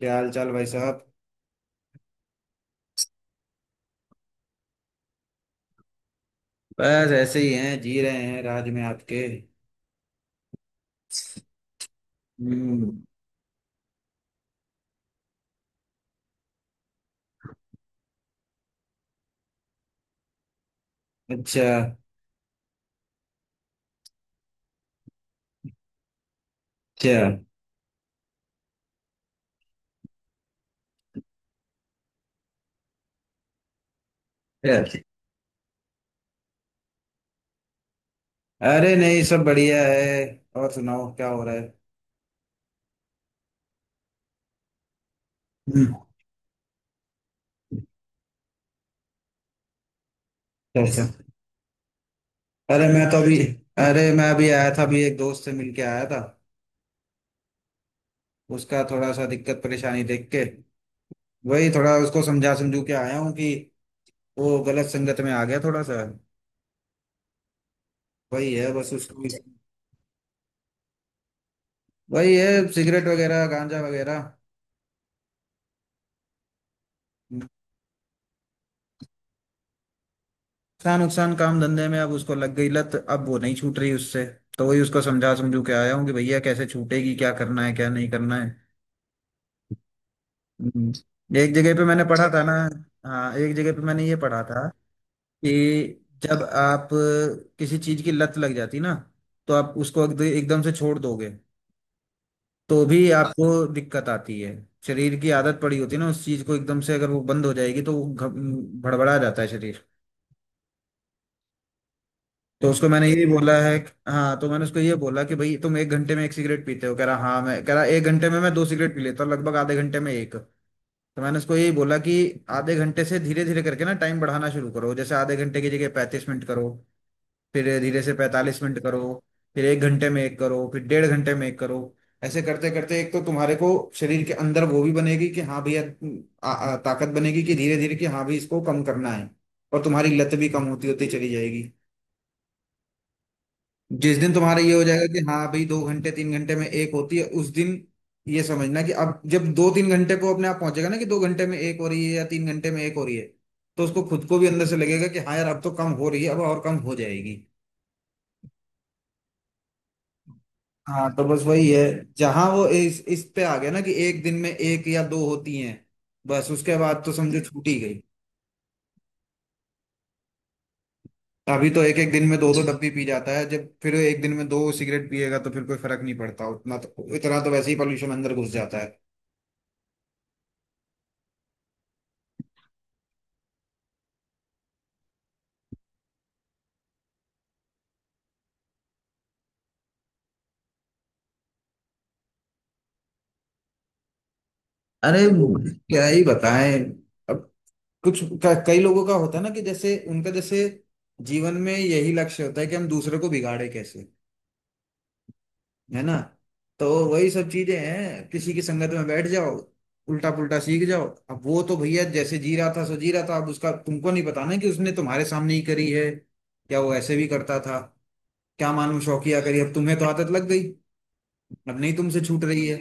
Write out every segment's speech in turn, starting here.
क्या हाल चाल, भाई साहब। बस ऐसे ही हैं, जी रहे हैं राज में आपके। हम्म। अच्छा अच्छा अच्छा। अरे नहीं, सब बढ़िया है। और सुनाओ, क्या हो रहा है? हम्म, कैसे? अरे मैं तो अभी अरे मैं अभी आया था, अभी एक दोस्त से मिलके आया था। उसका थोड़ा सा दिक्कत परेशानी देख के, वही थोड़ा उसको समझा समझू के आया हूँ कि वो गलत संगत में आ गया थोड़ा सा। वही है बस उसको, वही है। सिगरेट वगैरह, गांजा वगैरह। नुकसान नुकसान काम धंधे में। अब उसको लग गई लत, अब वो नहीं छूट रही उससे। तो वही उसको समझा समझू के आया हूँ कि भैया कैसे छूटेगी, क्या करना है क्या नहीं करना है। हम्म। एक जगह पे मैंने पढ़ा अच्छा था ना। हाँ, एक जगह पे मैंने ये पढ़ा था कि जब आप किसी चीज की लत लग जाती ना, तो आप उसको एकदम से छोड़ दोगे तो भी आपको दिक्कत आती है। शरीर की आदत पड़ी होती है ना, उस चीज को एकदम से अगर वो बंद हो जाएगी तो वो भड़बड़ा जाता है शरीर। तो उसको मैंने ये बोला है। हाँ, तो मैंने उसको ये बोला कि भाई तुम एक घंटे में एक सिगरेट पीते हो, कह रहा हाँ। मैं कह रहा एक घंटे में मैं दो सिगरेट पी लेता हूँ, लगभग आधे घंटे में एक। तो मैंने उसको यही बोला कि आधे घंटे से धीरे धीरे करके ना टाइम बढ़ाना शुरू करो। जैसे आधे घंटे की जगह 35 मिनट करो, फिर धीरे से 45 मिनट करो, फिर एक घंटे में एक करो, फिर 1.5 घंटे में एक करो। ऐसे करते करते एक तो तुम्हारे को शरीर के अंदर वो भी बनेगी कि हाँ भैया, ताकत बनेगी कि धीरे धीरे कि हाँ भाई इसको कम करना है। और तुम्हारी लत भी कम होती होती चली जाएगी। जिस दिन तुम्हारा ये हो जाएगा कि हाँ भाई दो घंटे तीन घंटे में एक होती है, उस दिन ये समझना कि अब जब दो तीन घंटे को अपने आप पहुंचेगा ना कि दो घंटे में एक हो रही है या तीन घंटे में एक हो रही है, तो उसको खुद को भी अंदर से लगेगा कि हाँ यार अब तो कम हो रही है, अब और कम हो जाएगी। हाँ, तो बस वही है। जहां वो इस पे आ गया ना कि एक दिन में एक या दो होती हैं, बस उसके बाद तो समझो छूट ही गई। अभी तो एक एक दिन में दो दो डब्बी पी जाता है। जब फिर एक दिन में दो सिगरेट पिएगा तो फिर कोई फर्क नहीं पड़ता उतना, तो इतना तो वैसे ही पॉल्यूशन अंदर घुस जाता है। अरे, क्या ही बताएं। अब कुछ कई लोगों का होता है ना कि जैसे उनका, जैसे जीवन में यही लक्ष्य होता है कि हम दूसरे को बिगाड़े कैसे, है ना। तो वही सब चीजें हैं, किसी की संगत में बैठ जाओ, उल्टा पुल्टा सीख जाओ। अब वो तो भैया जैसे जी रहा था सो जी रहा था, अब उसका तुमको नहीं पता ना कि उसने तुम्हारे सामने ही करी है या वो ऐसे भी करता था। क्या मालूम शौकिया करी, अब तुम्हें तो आदत लग गई, अब नहीं तुमसे छूट रही है।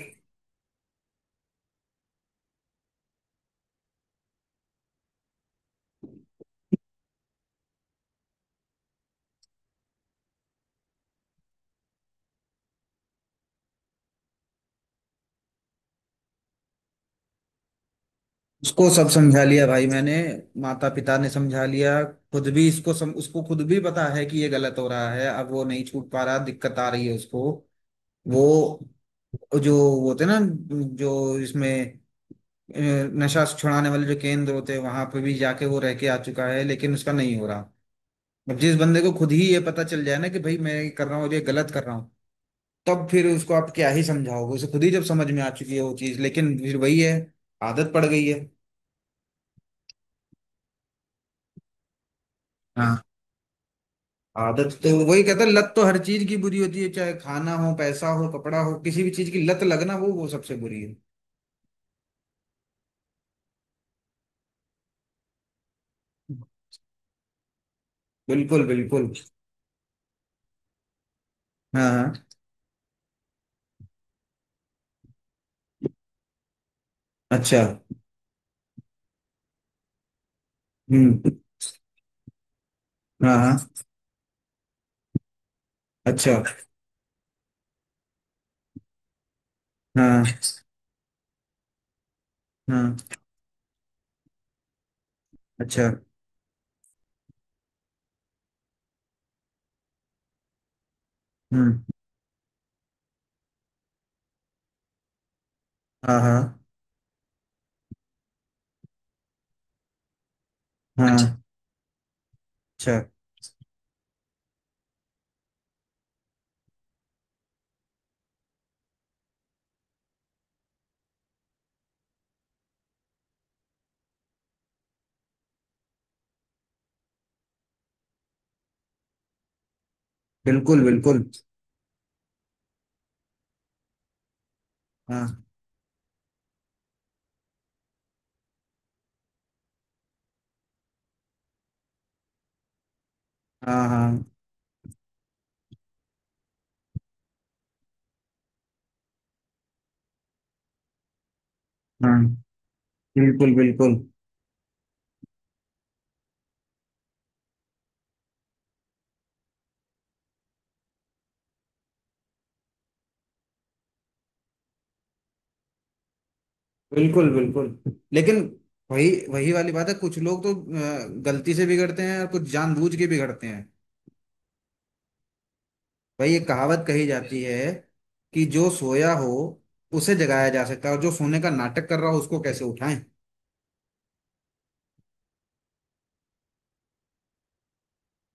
उसको सब समझा लिया भाई मैंने, माता पिता ने समझा लिया। खुद भी इसको उसको खुद भी पता है कि ये गलत हो रहा है, अब वो नहीं छूट पा रहा, दिक्कत आ रही है उसको। वो, जो वो होते ना, जो इसमें अ, नशा छुड़ाने वाले जो केंद्र होते हैं, वहां पे भी जाके वो रह के आ चुका है, लेकिन उसका नहीं हो रहा। अब जिस बंदे को खुद ही ये पता चल जाए ना कि भाई मैं ये कर रहा हूँ और ये गलत कर रहा हूँ, तब फिर उसको आप क्या ही समझाओगे? उसे खुद ही जब समझ में आ चुकी है वो चीज, लेकिन फिर वही है, आदत पड़ गई है। आदत, तो वही कहता है लत तो हर चीज की बुरी होती है, चाहे खाना हो, पैसा हो, कपड़ा हो, किसी भी चीज की लत लगना वो सबसे बुरी है। बिल्कुल बिल्कुल। हाँ हाँ। अच्छा। हम्म। हाँ हाँ। अच्छा। हाँ हाँ। अच्छा। हम्म। हाँ हाँ हाँ। अच्छा अच्छा। बिल्कुल बिल्कुल। हाँ हाँ हाँ हाँ। बिल्कुल बिल्कुल। बिल्कुल बिल्कुल। लेकिन वही वही वाली बात है, कुछ लोग तो गलती से बिगड़ते हैं और कुछ जानबूझ के बिगड़ते हैं। भाई ये कहावत कही जाती है कि जो सोया हो उसे जगाया जा सकता है, और जो सोने का नाटक कर रहा हो उसको कैसे उठाएं।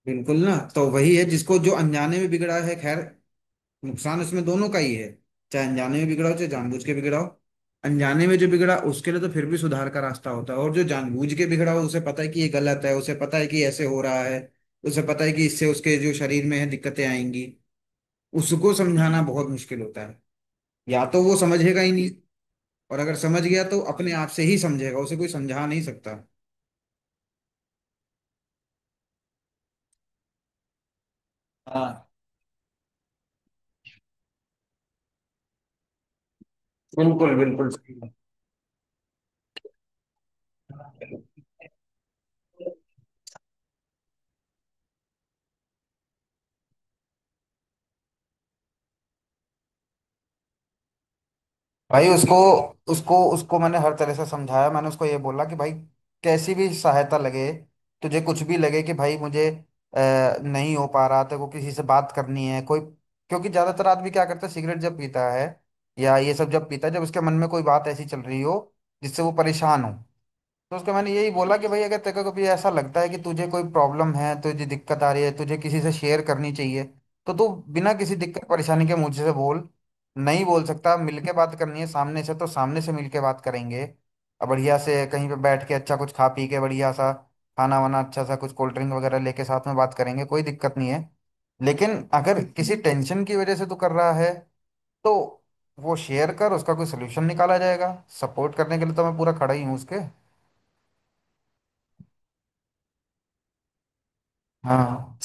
बिल्कुल, ना तो वही है जिसको, जो अनजाने में बिगड़ा है, खैर। नुकसान इसमें दोनों का ही है, चाहे अनजाने में बिगड़ा हो चाहे जानबूझ के बिगड़ा हो। अनजाने में जो बिगड़ा उसके लिए तो फिर भी सुधार का रास्ता होता है, और जो जानबूझ के बिगड़ा हो उसे पता है कि ये गलत है, उसे पता है कि ऐसे हो रहा है, उसे पता है कि इससे उसके जो शरीर में है दिक्कतें आएंगी। उसको समझाना बहुत मुश्किल होता है। या तो वो समझेगा ही नहीं, और अगर समझ गया तो अपने आप से ही समझेगा, उसे कोई समझा नहीं सकता। हाँ। बिल्कुल बिल्कुल सही बात। भाई उसको उसको उसको मैंने हर तरह से समझाया। मैंने उसको ये बोला कि भाई, कैसी भी सहायता लगे, तुझे कुछ भी लगे कि भाई मुझे नहीं हो पा रहा, तेरे को किसी से बात करनी है कोई। क्योंकि ज्यादातर आदमी क्या करता है, सिगरेट जब पीता है या ये सब जब पीता है, जब उसके मन में कोई बात ऐसी चल रही हो जिससे वो परेशान हो। तो उसको मैंने यही बोला कि भाई, अगर तेरे को कभी ऐसा लगता है कि तुझे कोई प्रॉब्लम है, तुझे दिक्कत आ रही है, तुझे किसी से शेयर करनी चाहिए, तो तू बिना किसी दिक्कत परेशानी के मुझसे बोल। नहीं बोल सकता, मिलके बात करनी है सामने से, तो सामने से मिलके बात करेंगे। और बढ़िया से कहीं पे बैठ के, अच्छा कुछ खा पी के, बढ़िया सा खाना वाना, अच्छा सा कुछ कोल्ड ड्रिंक वगैरह लेके साथ में बात करेंगे, कोई दिक्कत नहीं है। लेकिन अगर किसी टेंशन की वजह से तू कर रहा है, तो वो शेयर कर, उसका कोई सोल्यूशन निकाला जाएगा। सपोर्ट करने के लिए तो मैं पूरा खड़ा ही हूँ उसके। हाँ।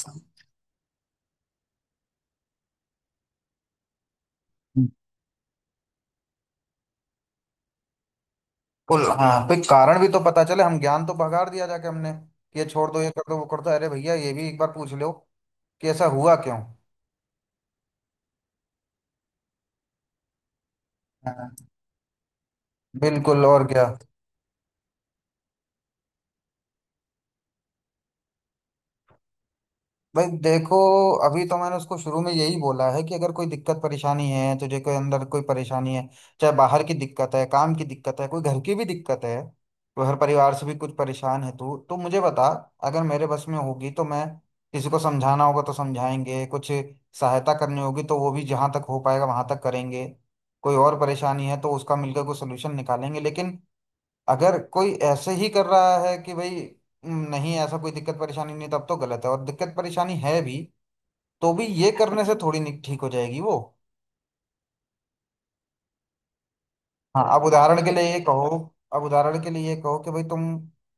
बिल्कुल हाँ, फिर कारण भी तो पता चले। हम ज्ञान तो भगाड़ दिया जाके हमने कि ये छोड़ दो, ये कर दो, वो कर दो, अरे भैया ये भी एक बार पूछ लो कि ऐसा हुआ क्यों। हाँ। बिल्कुल, और क्या। भाई देखो, अभी तो मैंने उसको शुरू में यही बोला है कि अगर कोई दिक्कत परेशानी है, तुझे कोई अंदर कोई परेशानी है, चाहे बाहर की दिक्कत है, काम की दिक्कत है, कोई घर की भी दिक्कत है, घर परिवार से भी कुछ परेशान है तू, तो मुझे बता। अगर मेरे बस में होगी तो मैं, किसी को समझाना होगा तो समझाएंगे, कुछ सहायता करनी होगी तो वो भी जहाँ तक हो पाएगा वहां तक करेंगे, कोई और परेशानी है तो उसका मिलकर कोई सोल्यूशन निकालेंगे। लेकिन अगर कोई ऐसे ही कर रहा है कि भाई नहीं ऐसा कोई दिक्कत परेशानी नहीं", तब तो गलत है। और दिक्कत परेशानी है भी तो भी ये करने से थोड़ी नहीं ठीक हो जाएगी वो। हाँ, अब उदाहरण के लिए ये कहो, अब उदाहरण के लिए ये कहो कि भाई तुम,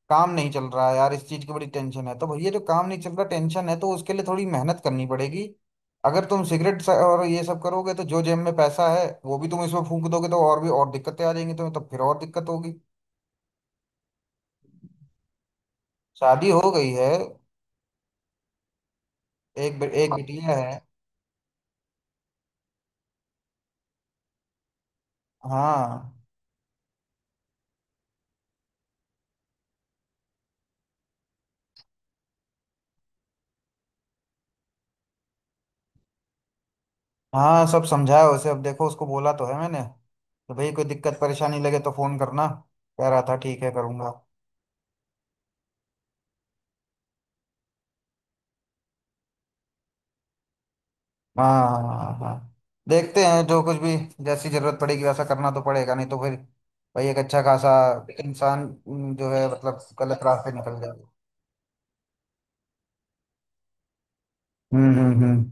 काम नहीं चल रहा है यार, इस चीज की बड़ी टेंशन है, तो भैया जो काम नहीं चल रहा टेंशन है, तो उसके लिए थोड़ी मेहनत करनी पड़ेगी। अगर तुम और ये सब करोगे, तो जो जेब में पैसा है वो भी तुम इसमें फूंक दोगे, तो और भी, और दिक्कतें आ जाएंगी तुम्हें, तो फिर और दिक्कत होगी। शादी हो गई है, एक बिटिया है। हाँ हाँ सब समझाया उसे। अब देखो, उसको बोला तो है मैंने तो, भाई कोई दिक्कत परेशानी लगे तो फोन करना। कह रहा था ठीक है करूंगा। हाँ हाँ हाँ। देखते हैं, जो कुछ भी, जैसी जरूरत पड़ेगी वैसा करना तो पड़ेगा, नहीं तो फिर भाई एक अच्छा खासा इंसान जो है, मतलब गलत रास्ते निकल जाएगा। हम्म।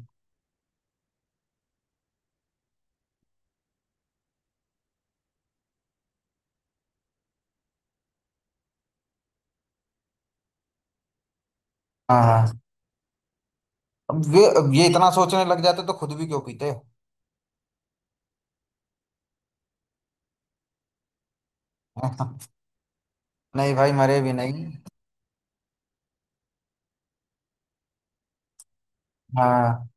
हाँ हाँ। अब ये, अब ये इतना सोचने लग जाते तो खुद भी क्यों पीते। नहीं भाई मरे भी नहीं। हाँ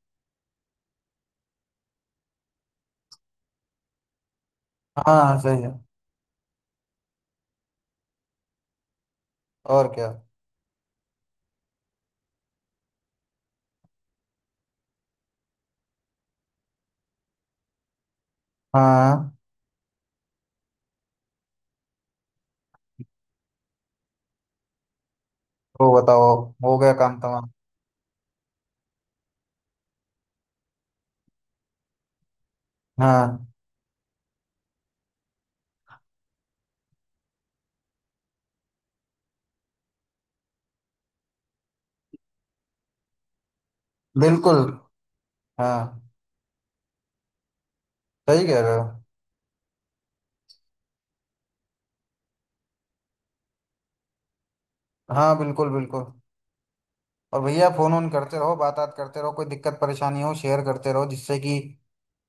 हाँ सही है, और क्या। हाँ तो बताओ, हो गया काम तमाम। हाँ बिल्कुल। हाँ सही कह रहे हो। हाँ बिल्कुल बिल्कुल। और भैया फोन ऑन करते रहो, बात बात करते रहो, कोई दिक्कत परेशानी हो शेयर करते रहो, जिससे कि,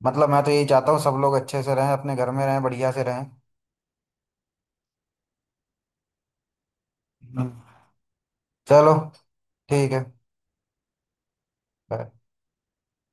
मतलब मैं तो यही चाहता हूँ सब लोग अच्छे से रहें, अपने घर में रहें, बढ़िया से रहें। हम्म। चलो, ठीक है। Bye।